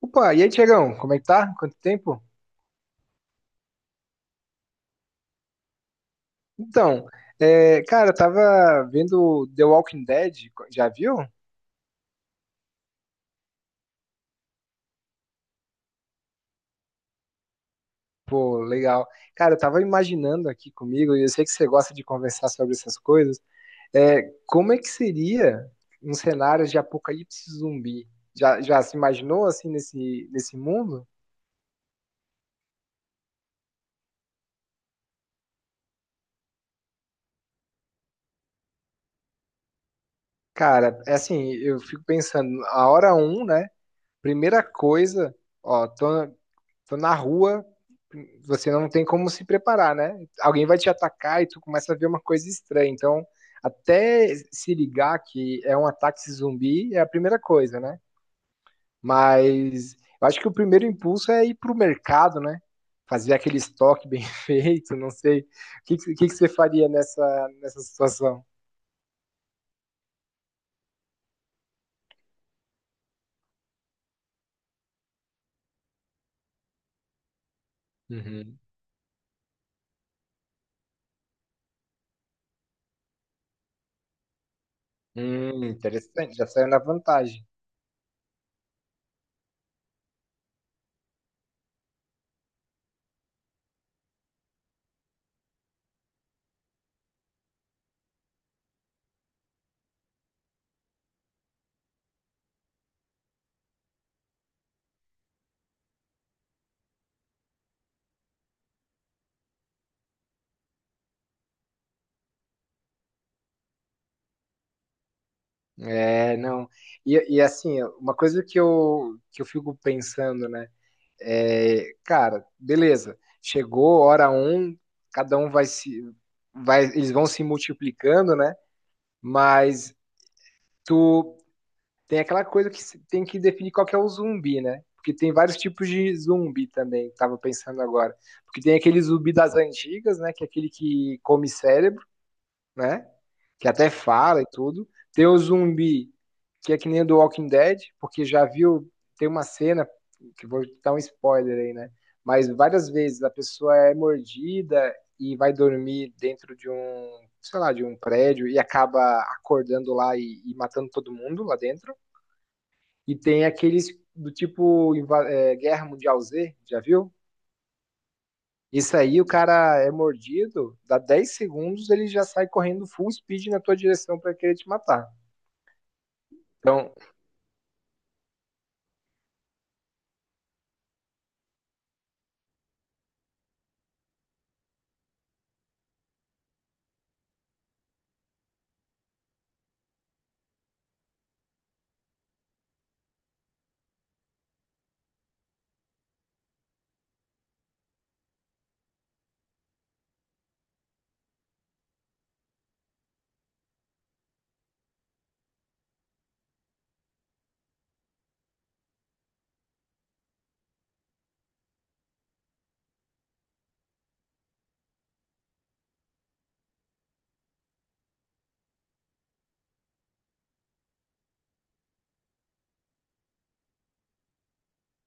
Opa, e aí, Tiagão, como é que tá? Quanto tempo? Então, cara, eu tava vendo The Walking Dead, já viu? Pô, legal. Cara, eu tava imaginando aqui comigo, e eu sei que você gosta de conversar sobre essas coisas, como é que seria um cenário de apocalipse zumbi? Já se imaginou, assim, nesse mundo? Cara, é assim, eu fico pensando, a hora um, né? Primeira coisa, ó, tô, então, na rua, você não tem como se preparar, né? Alguém vai te atacar e tu começa a ver uma coisa estranha. Então, até se ligar que é um ataque zumbi é a primeira coisa, né? Mas eu acho que o primeiro impulso é ir pro mercado, né? Fazer aquele estoque bem feito, não sei. O que você faria nessa, nessa situação? Uhum. Interessante, já saiu na vantagem. É, não. E assim, uma coisa que eu fico pensando, né? É, cara, beleza. Chegou hora um, cada um vai se, vai, eles vão se multiplicando, né? Mas tu tem aquela coisa que se- tem que definir qual que é o zumbi, né? Porque tem vários tipos de zumbi também, tava pensando agora. Porque tem aquele zumbi das antigas, né? Que é aquele que come cérebro, né? Que até fala e tudo. Tem o zumbi que é que nem o do Walking Dead, porque já viu, tem uma cena que vou dar um spoiler aí, né? Mas várias vezes a pessoa é mordida e vai dormir dentro de um, sei lá, de um prédio e acaba acordando lá e matando todo mundo lá dentro. E tem aqueles do tipo Guerra Mundial Z, já viu? Isso aí, o cara é mordido, dá 10 segundos, ele já sai correndo full speed na tua direção para querer te matar. Então,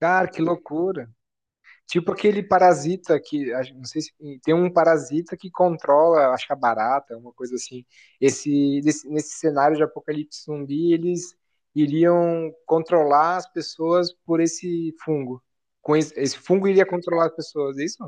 cara, que loucura. Tipo aquele parasita não sei se tem um parasita que controla, acho que a barata, uma coisa assim. Nesse cenário de apocalipse zumbi, eles iriam controlar as pessoas por esse fungo. Com esse fungo iria controlar as pessoas, é isso?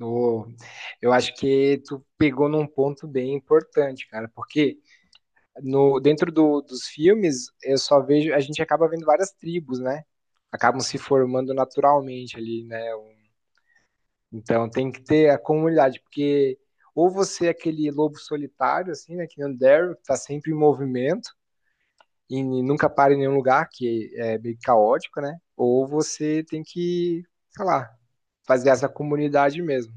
Ô, eu acho que tu pegou num ponto bem importante, cara, porque no, dentro dos filmes, eu só vejo, a gente acaba vendo várias tribos, né? Acabam se formando naturalmente ali, né? Então tem que ter a comunidade, porque ou você é aquele lobo solitário, assim, né? Que nem o Daryl, que tá sempre em movimento e nunca para em nenhum lugar, que é meio caótico, né? Ou você tem que, sei lá, fazer essa comunidade mesmo.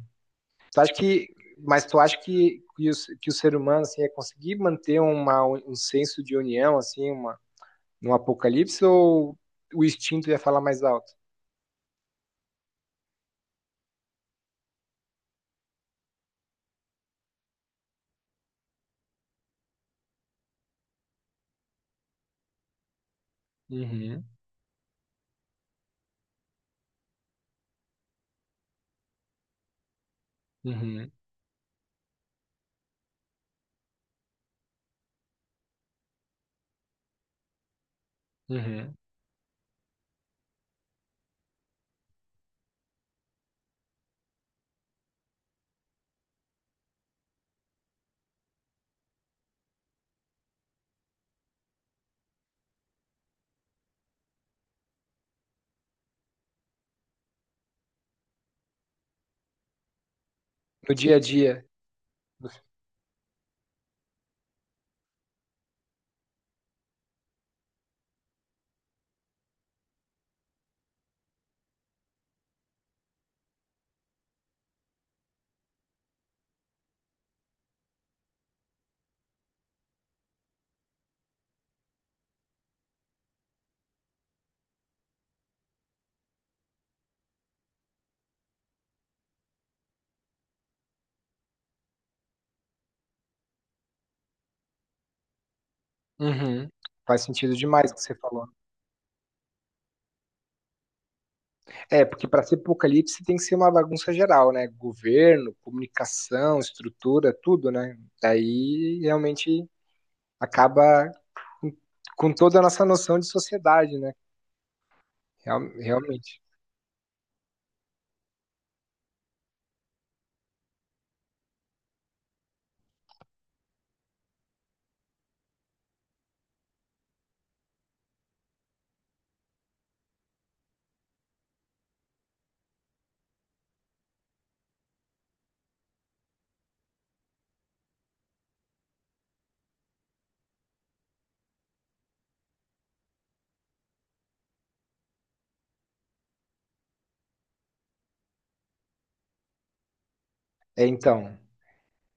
Tu acha que, mas tu acha que o ser humano, assim, é conseguir manter um senso de união, assim, uma, no Apocalipse ou o instinto ia falar mais alto? Uhum, uhum, uhum. No dia a dia. Uhum. Faz sentido demais o que você falou. É, porque para ser apocalipse tem que ser uma bagunça geral, né? Governo, comunicação, estrutura, tudo, né? Daí realmente acaba com- com toda a nossa noção de sociedade, né? Realmente. É, então,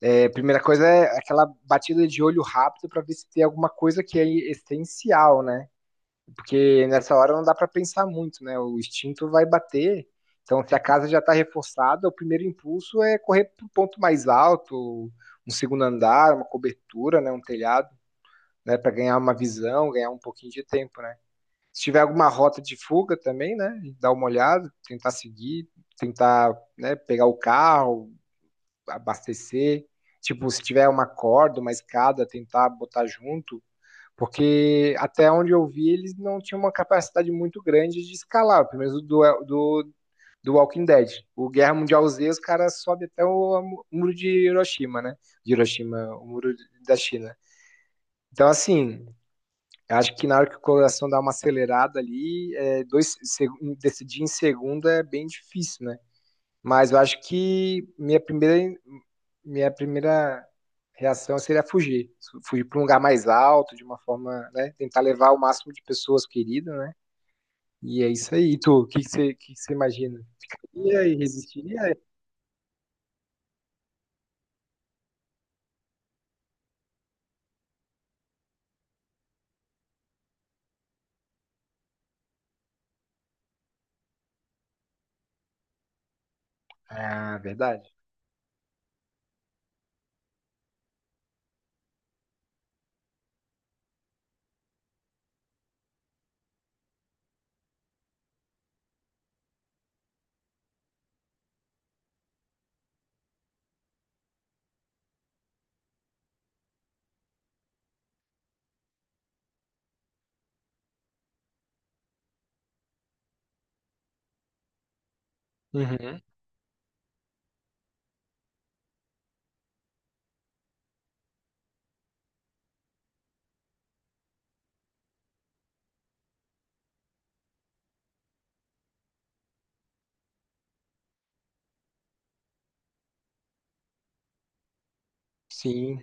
a primeira coisa é aquela batida de olho rápido para ver se tem alguma coisa que é essencial, né? Porque nessa hora não dá para pensar muito, né? O instinto vai bater. Então, se a casa já está reforçada, o primeiro impulso é correr para um ponto mais alto, um segundo andar, uma cobertura, né? Um telhado, né? Para ganhar uma visão, ganhar um pouquinho de tempo, né? Se tiver alguma rota de fuga também, né? Dar uma olhada, tentar seguir, tentar, né, pegar o carro, abastecer. Tipo, se tiver uma corda, uma escada, tentar botar junto, porque até onde eu vi, eles não tinham uma capacidade muito grande de escalar, pelo menos do Walking Dead. O Guerra Mundial Z, os caras sobem até o muro de Hiroshima, né? De Hiroshima, o muro da China. Então, assim, eu acho que na hora que o coração dá uma acelerada ali, decidir em segunda é bem difícil, né? Mas eu acho que minha primeira reação seria fugir. Fugir para um lugar mais alto, de uma forma, né? Tentar levar o máximo de pessoas queridas, né? E é isso aí. E tu, o que que você imagina? Ficaria e resistiria? Ah, verdade. Uhum. Sim.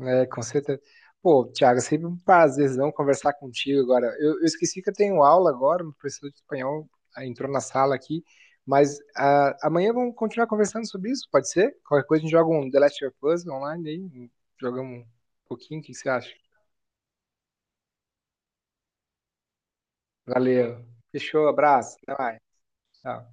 É, com certeza. Pô, Thiago, é sempre um prazerzão conversar contigo agora. Eu esqueci que eu tenho aula agora, meu professor de espanhol ah, entrou na sala aqui, mas ah, amanhã vamos continuar conversando sobre isso, pode ser? Qualquer coisa a gente joga um The Last of Us online aí, jogamos um pouquinho, o que que você acha? Valeu. Fechou, abraço, até mais. Tchau.